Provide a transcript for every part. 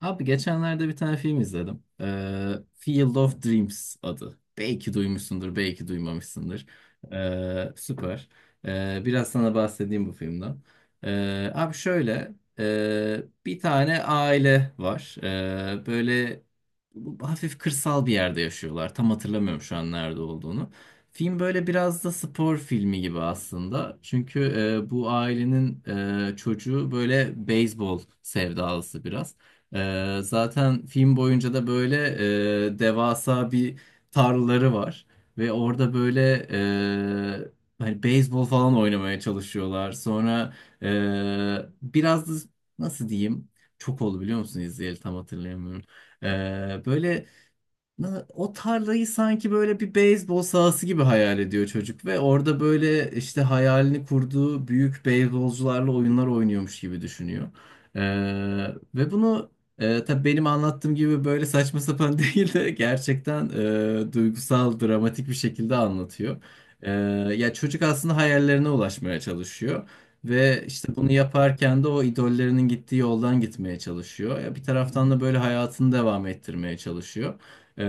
Abi geçenlerde bir tane film izledim. Field of Dreams adı. Belki duymuşsundur, belki duymamışsındır. Süper. Biraz sana bahsedeyim bu filmden. Abi şöyle, bir tane aile var. Böyle hafif kırsal bir yerde yaşıyorlar. Tam hatırlamıyorum şu an nerede olduğunu. Film böyle biraz da spor filmi gibi aslında. Çünkü bu ailenin çocuğu böyle beyzbol sevdalısı biraz. Zaten film boyunca da böyle devasa bir tarlaları var ve orada böyle hani beyzbol falan oynamaya çalışıyorlar. Sonra e, biraz da nasıl diyeyim? Çok oldu biliyor musun izleyeli tam hatırlayamıyorum. Ee, böyle O tarlayı sanki böyle bir beyzbol sahası gibi hayal ediyor çocuk ve orada böyle işte hayalini kurduğu büyük beyzbolcularla oyunlar oynuyormuş gibi düşünüyor. Ee, Ve bunu tabii benim anlattığım gibi böyle saçma sapan değil de gerçekten duygusal, dramatik bir şekilde anlatıyor. Ee, Ya çocuk aslında hayallerine ulaşmaya çalışıyor. Ve işte bunu yaparken de o idollerinin gittiği yoldan gitmeye çalışıyor. Ya bir taraftan da böyle hayatını devam ettirmeye çalışıyor. Ee,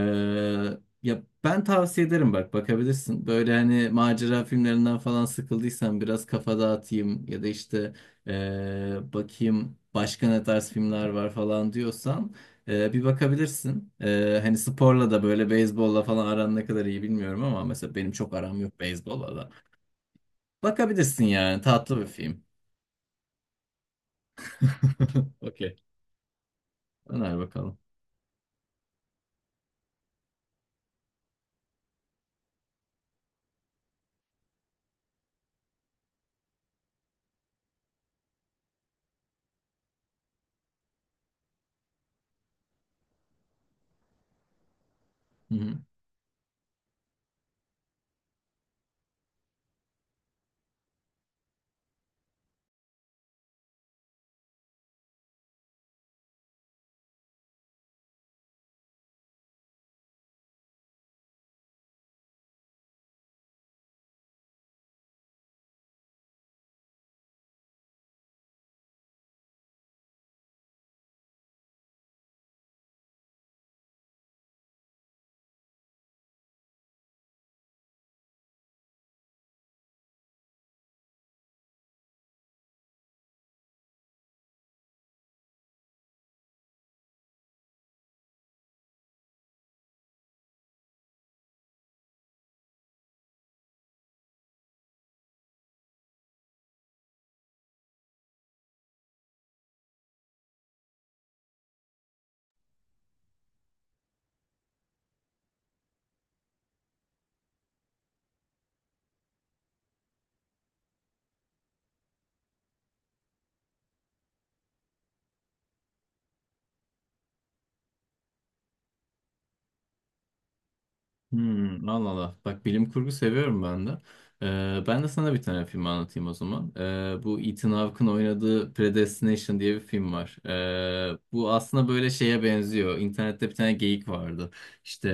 Ya ben tavsiye ederim bak bakabilirsin. Böyle hani macera filmlerinden falan sıkıldıysan biraz kafa dağıtayım ya da işte bakayım başka ne tarz filmler var falan diyorsan bir bakabilirsin. Hani sporla da böyle beyzbolla falan aran ne kadar iyi bilmiyorum ama mesela benim çok aram yok beyzbolla da. Bakabilirsin yani tatlı bir film. Okey. Öner bakalım. Hı hı. Hmm, Allah Allah. Bak bilim kurgu seviyorum ben de. Ben de sana bir tane film anlatayım o zaman. Bu Ethan Hawke'ın oynadığı Predestination diye bir film var. Bu aslında böyle şeye benziyor. İnternette bir tane geyik vardı. İşte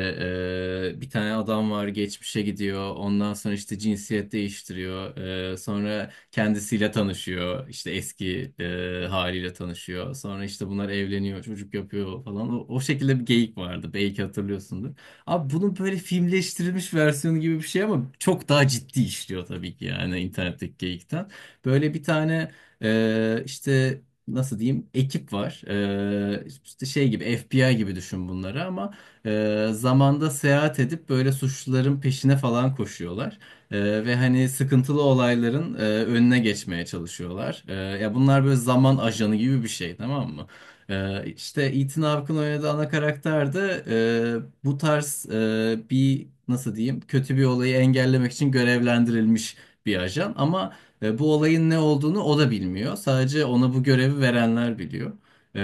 bir tane adam var geçmişe gidiyor. Ondan sonra işte cinsiyet değiştiriyor. Sonra kendisiyle tanışıyor. İşte eski haliyle tanışıyor. Sonra işte bunlar evleniyor, çocuk yapıyor falan. O şekilde bir geyik vardı. Belki hatırlıyorsundur. Abi bunun böyle filmleştirilmiş versiyonu gibi bir şey ama çok daha ciddi işliyor tabii ki yani internetteki geyikten. Böyle bir tane e, işte nasıl diyeyim ekip var. İşte şey gibi FBI gibi düşün bunları ama zamanda seyahat edip böyle suçluların peşine falan koşuyorlar. Ve hani sıkıntılı olayların önüne geçmeye çalışıyorlar. Ya bunlar böyle zaman ajanı gibi bir şey tamam mı? İşte Ethan Hawke'ın oynadığı ana karakter de bu tarz bir nasıl diyeyim kötü bir olayı engellemek için görevlendirilmiş bir ajan ama bu olayın ne olduğunu o da bilmiyor. Sadece ona bu görevi verenler biliyor.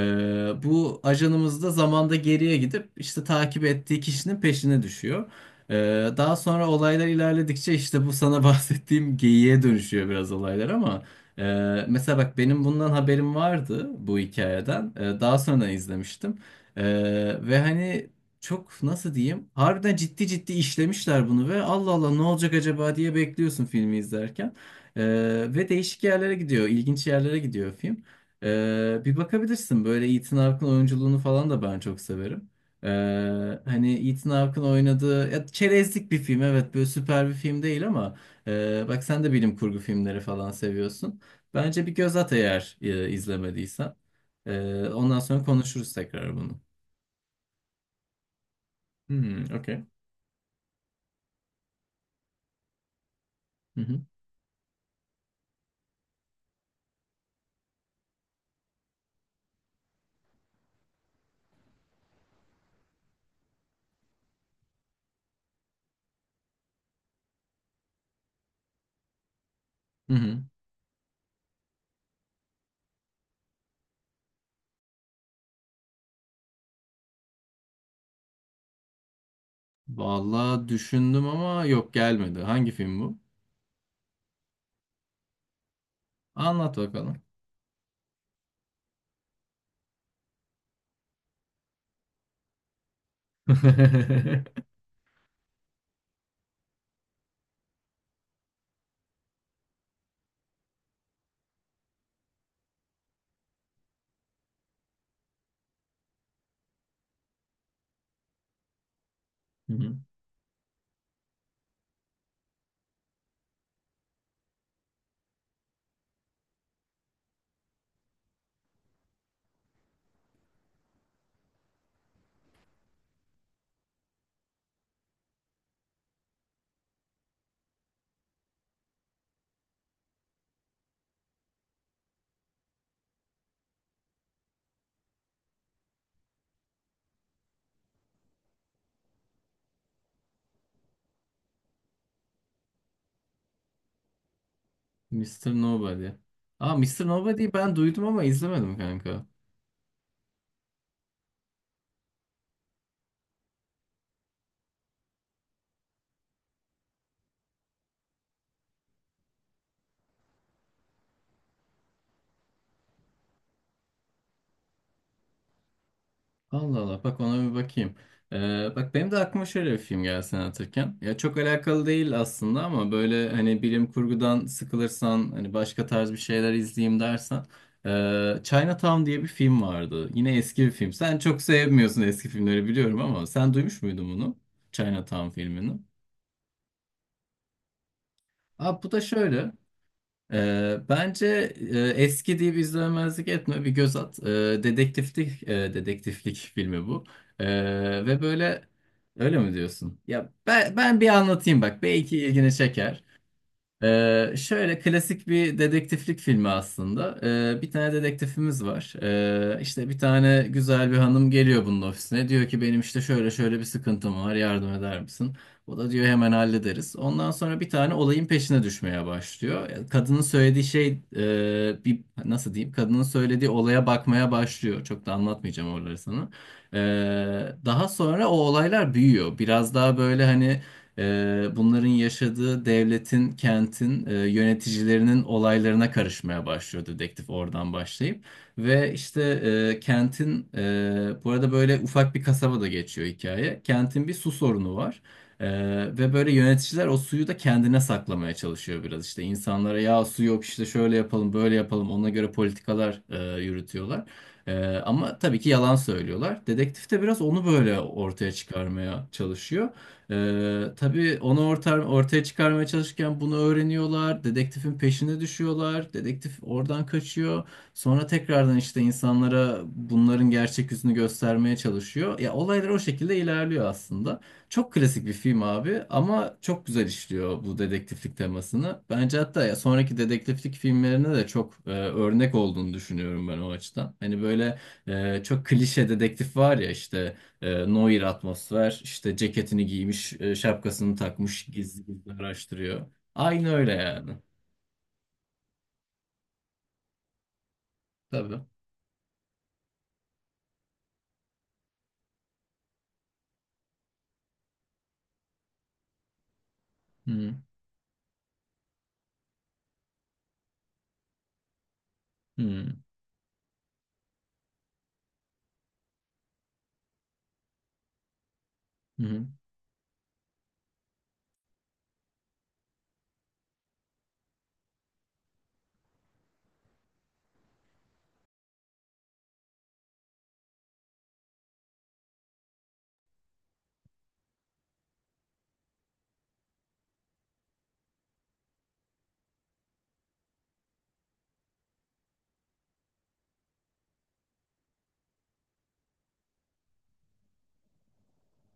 Bu ajanımız da zamanda geriye gidip işte takip ettiği kişinin peşine düşüyor. Ee, Daha sonra olaylar ilerledikçe işte bu sana bahsettiğim geyiğe dönüşüyor biraz olaylar ama. Mesela bak benim bundan haberim vardı bu hikayeden. Daha sonra izlemiştim. Ee, Ve hani çok nasıl diyeyim? Harbiden ciddi ciddi işlemişler bunu ve Allah Allah ne olacak acaba diye bekliyorsun filmi izlerken. Ee, Ve değişik yerlere gidiyor, ilginç yerlere gidiyor film. Bir bakabilirsin böyle Ethan Hawke'ın oyunculuğunu falan da ben çok severim. Ee, Hani Ethan Hawke'ın oynadığı ya, çerezlik bir film evet böyle süper bir film değil ama bak sen de bilim kurgu filmleri falan seviyorsun. Bence bir göz at eğer izlemediysen. Ondan sonra konuşuruz tekrar bunu. Hmm, okey. Hı hı. Hı hı. Vallahi düşündüm ama yok gelmedi. Hangi film bu? Anlat bakalım. Hı hı. Mr. Nobody. Aa, Mr. Nobody'yi ben duydum ama izlemedim kanka. Allah Allah bak ona bir bakayım. Bak benim de aklıma şöyle bir film geldi sen anlatırken. Ya çok alakalı değil aslında ama böyle hani bilim kurgudan sıkılırsan hani başka tarz bir şeyler izleyeyim dersen. Chinatown diye bir film vardı. Yine eski bir film. Sen çok sevmiyorsun eski filmleri biliyorum ama sen duymuş muydun bunu? Chinatown filmini. Abi bu da şöyle. Bence eski diye bir izlemezlik etme bir göz at. Dedektiflik e, dedektiflik filmi bu. Ve böyle öyle mi diyorsun? Ya ben bir anlatayım bak belki ilgini çeker. Şöyle klasik bir dedektiflik filmi aslında. Bir tane dedektifimiz var. İşte bir tane güzel bir hanım geliyor bunun ofisine. Diyor ki benim işte şöyle şöyle bir sıkıntım var yardım eder misin? O da diyor hemen hallederiz. Ondan sonra bir tane olayın peşine düşmeye başlıyor. Yani Kadının söylediği şey bir nasıl diyeyim? Kadının söylediği olaya bakmaya başlıyor. Çok da anlatmayacağım oraları sana. Ee, Daha sonra o olaylar büyüyor. Biraz daha böyle hani bunların yaşadığı devletin, kentin, yöneticilerinin olaylarına karışmaya başlıyor dedektif oradan başlayıp. Ve işte bu arada böyle ufak bir kasaba da geçiyor hikaye. Kentin bir su sorunu var. Ee, Ve böyle yöneticiler o suyu da kendine saklamaya çalışıyor biraz işte insanlara ya su yok işte şöyle yapalım böyle yapalım ona göre politikalar yürütüyorlar. Ee, Ama tabii ki yalan söylüyorlar. Dedektif de biraz onu böyle ortaya çıkarmaya çalışıyor. Tabii onu ortaya çıkarmaya çalışırken bunu öğreniyorlar. Dedektifin peşine düşüyorlar. Dedektif oradan kaçıyor. Sonra tekrardan işte insanlara bunların gerçek yüzünü göstermeye çalışıyor. Ya olaylar o şekilde ilerliyor aslında. Çok klasik bir film abi ama çok güzel işliyor bu dedektiflik temasını. Bence hatta ya sonraki dedektiflik filmlerine de çok örnek olduğunu düşünüyorum ben o açıdan. Hani böyle çok klişe dedektif var ya işte Noir atmosfer. İşte ceketini giymiş, şapkasını takmış, gizli gizli araştırıyor. Aynı öyle yani. Tabii. Hı hı hı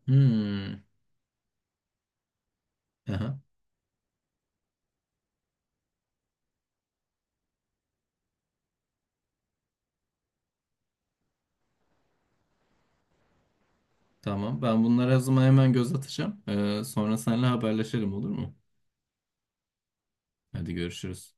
hı. Aha, tamam. Ben bunlara o zaman hemen göz atacağım. Sonra seninle haberleşelim olur mu? Hadi görüşürüz.